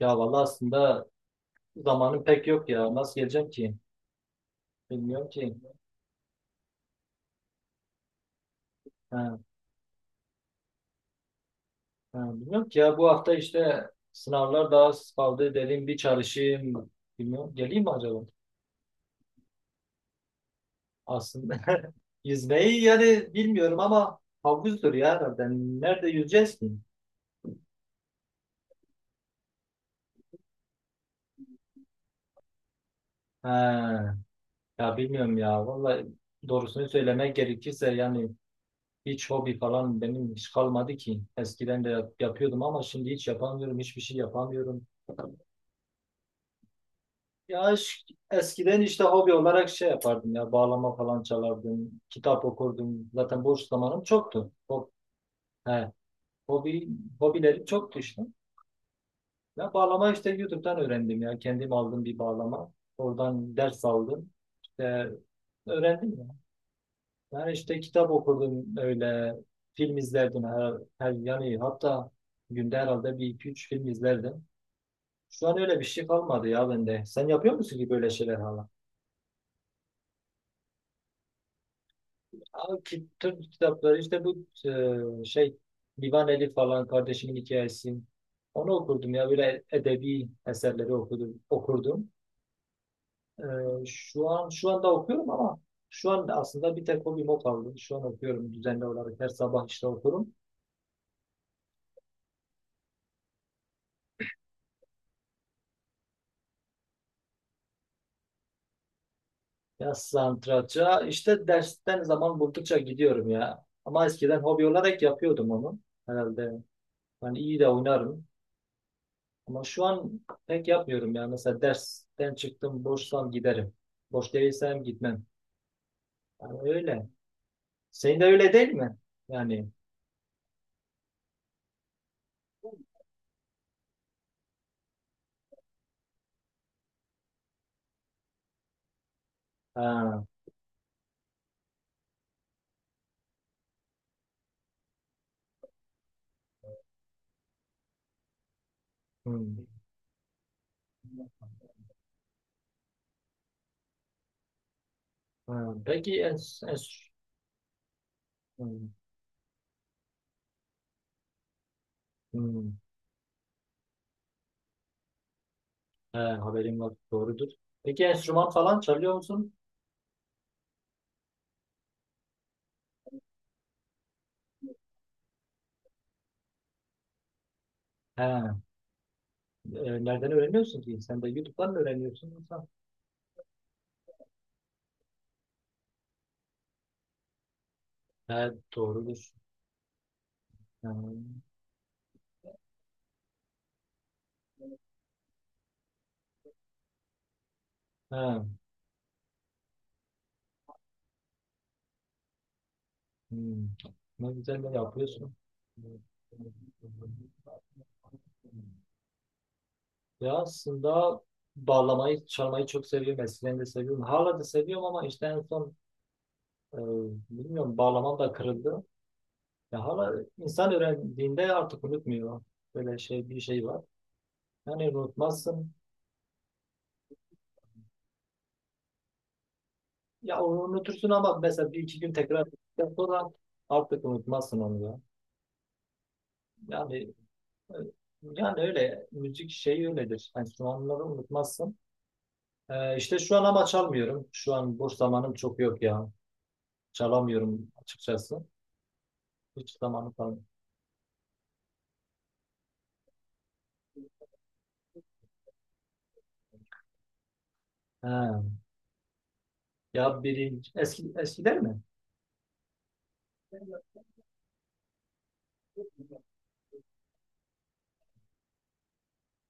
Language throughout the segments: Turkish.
Ya vallahi aslında zamanım pek yok ya. Nasıl geleceğim ki? Bilmiyorum ki. Ha, ha, bilmiyorum ki ya bu hafta işte sınavlar daha az kaldı dedim bir çalışayım. Bilmiyorum. Geleyim mi acaba? Aslında yüzmeyi yani bilmiyorum ama havuzdur ya herhalde. Nerede yüzeceğiz ki? Ha, ya bilmiyorum ya. Vallahi doğrusunu söylemek gerekirse yani hiç hobi falan benim hiç kalmadı ki. Eskiden de yapıyordum ama şimdi hiç yapamıyorum. Hiçbir şey yapamıyorum. Ya eskiden işte hobi olarak şey yapardım ya bağlama falan çalardım, kitap okurdum. Zaten boş zamanım çoktu. He, hobi hobilerim çoktu işte. Ya bağlama işte YouTube'dan öğrendim ya. Kendim aldım bir bağlama. Oradan ders aldım. İşte öğrendim ya. Yani işte kitap okurdum öyle. Film izlerdim her yani hatta günde herhalde bir iki üç film izlerdim. Şu an öyle bir şey kalmadı ya bende. Sen yapıyor musun ki böyle şeyler hala? Abi Türk kitapları işte bu şey Divan Elif falan kardeşimin hikayesi. Onu okurdum ya böyle edebi eserleri okudum, okurdum. E, şu anda okuyorum ama şu an aslında bir tek hobim o kaldı. Şu an okuyorum düzenli olarak her sabah işte okurum. Ya satranca işte dersten zaman buldukça gidiyorum ya. Ama eskiden hobi olarak yapıyordum onu. Herhalde ben iyi de oynarım. Ama şu an pek yapmıyorum ya. Mesela dersten çıktım, boşsam giderim. Boş değilsem gitmem. Yani öyle. Senin de öyle değil mi? Yani. Ha, hmm, ha. Peki en, hmm, hmm. Ha, haberim var. Doğrudur. Peki enstrüman falan çalıyor musun? Ha, nereden öğreniyorsun ki? Sen de YouTube'dan mı öğreniyorsun yoksa? Ha, doğrudur. Ha, ha, hmm. Ne güzel de yapıyorsun. Ya aslında bağlamayı, çalmayı çok seviyorum. Eskiden de seviyorum. Hala da seviyorum ama işte en son e, bilmiyorum bağlamam da kırıldı. Ya hala insan öğrendiğinde artık unutmuyor. Böyle şey bir şey var. Yani unutmazsın. Ya onu unutursun ama mesela bir iki gün tekrar ettikten sonra artık unutmazsın onu ya. Yani e, yani öyle müzik şeyi öyledir. Enstrümanları unutmazsın. E, işte şu an ama çalmıyorum. Şu an boş zamanım çok yok ya. Çalamıyorum açıkçası. Hiç zamanı falan. Ha. Ya biri eski, eskiden mi?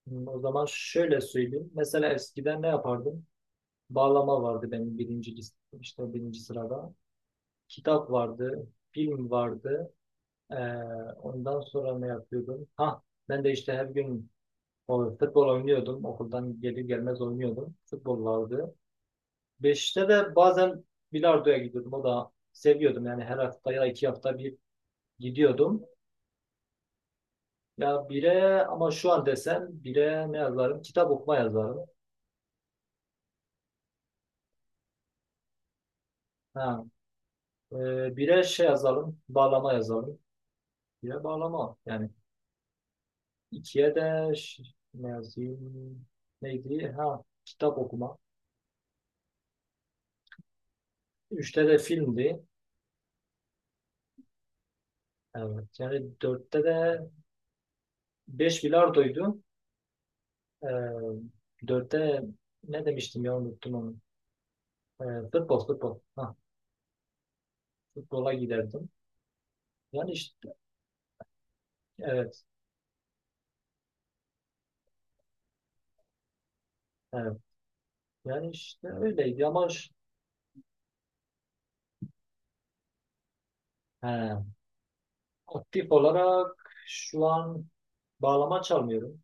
Hmm, o zaman şöyle söyleyeyim. Mesela eskiden ne yapardım? Bağlama vardı benim birinci işte birinci sırada. Kitap vardı, film vardı. Ee, ondan sonra ne yapıyordum? Ha, ben de işte her gün futbol oynuyordum. Okuldan gelir gelmez oynuyordum. Futbol vardı. Beşte de bazen bilardoya gidiyordum. O da seviyordum. Yani her hafta ya 2 hafta bir gidiyordum. Ya bire ama şu an desem bire ne yazarım? Kitap okuma yazarım. Ha, bire şey yazalım. Bağlama yazalım. Bire bağlama. Yani ikiye de ne yazayım? Neydi? Ha, kitap okuma. Üçte de filmdi. Evet. Yani dörtte de beş bilardoydu. Ee, dörtte ne demiştim ya unuttum onu. Futbol futbol. Ha, futbola giderdim. Yani işte evet. Evet. Yani işte öyleydi ama he. Aktif olarak şu an bağlama çalmıyorum.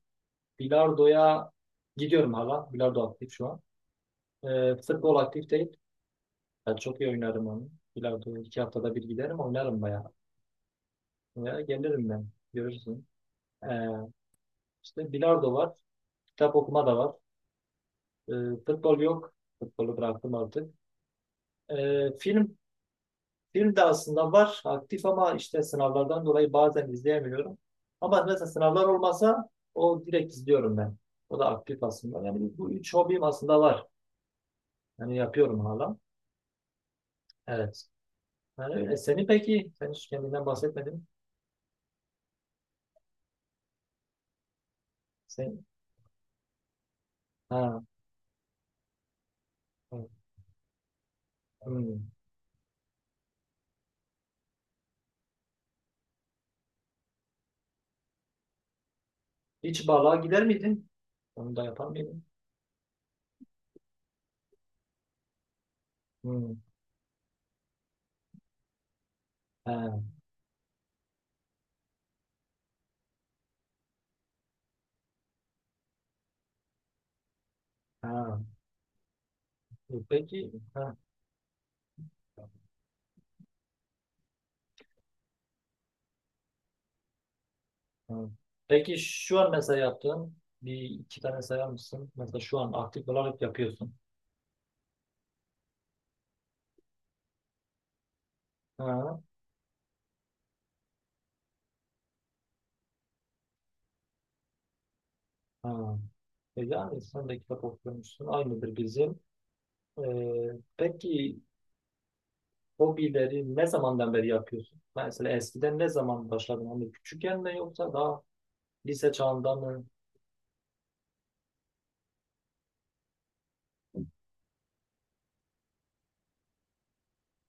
Bilardoya gidiyorum hala. Bilardo aktif şu an. Futbol aktif değil. Ben çok iyi oynarım onu. Bilardo 2 haftada bir giderim oynarım bayağı. Veya gelirim ben. Görürsün. Ee, işte bilardo var. Kitap okuma da var. Ee, futbol yok. Futbolu bıraktım artık. Ee, film Film de aslında var aktif ama işte sınavlardan dolayı bazen izleyemiyorum. Ama mesela sınavlar olmasa o direkt izliyorum ben. O da aktif aslında. Yani bu üç hobim aslında var. Yani yapıyorum hala. Evet. Yani öyle. Seni peki, sen hiç kendinden bahsetmedin. Sen, ha, evet. Hmm. Hiç balığa gider miydin? Onu da yapar mıydın? Hmm. Ha, ha. Peki, ha, ha. Peki şu an mesela yaptığın bir iki tane sayar mısın? Mesela şu an aktif olarak yapıyorsun. Ha, ha. E yani sen de kitap okumuşsun. Aynıdır bizim. Peki hobileri ne zamandan beri yapıyorsun? Mesela eskiden ne zaman başladın? Hani küçükken mi yoksa daha lise çağında mı?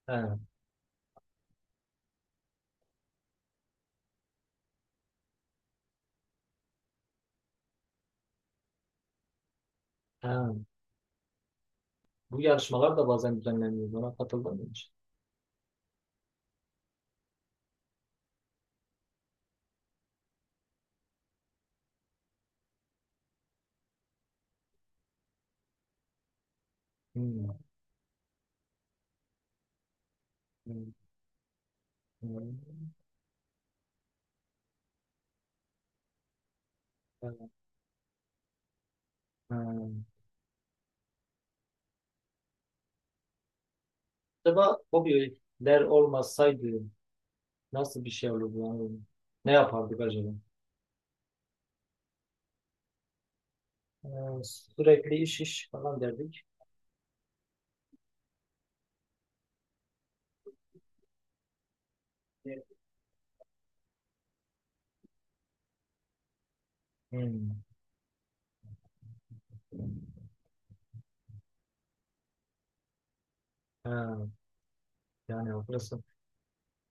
He, he. Bu yarışmalar da bazen düzenleniyor. Buna katıldın mı hiç? Hmm, hmm, hmm. Evet, he. Acaba hobiler olmasaydı nasıl bir şey olurdu? Yani ne yapardık acaba? Sürekli iş iş falan derdik. Hmm. Ha, yani haklısın.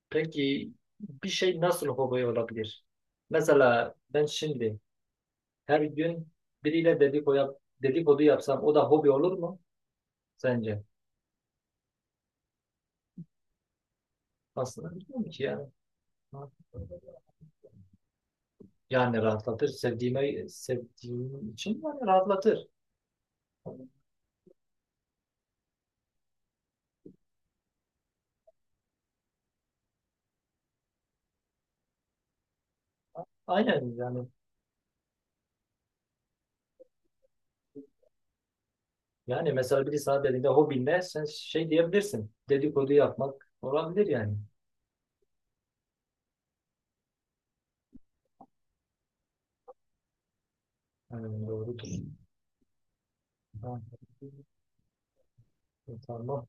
Peki bir şey nasıl hobi olabilir? Mesela ben şimdi her gün biriyle dedikodu yapsam o da hobi olur mu sence? Aslında bilmiyorum ki yani. Yani rahatlatır. Sevdiğime, sevdiğim için yani rahatlatır. Aynen yani. Yani mesela biri sana dediğinde hobin ne? Sen şey diyebilirsin. Dedikodu yapmak olabilir yani. Yani doğrudur. Ha, tamam.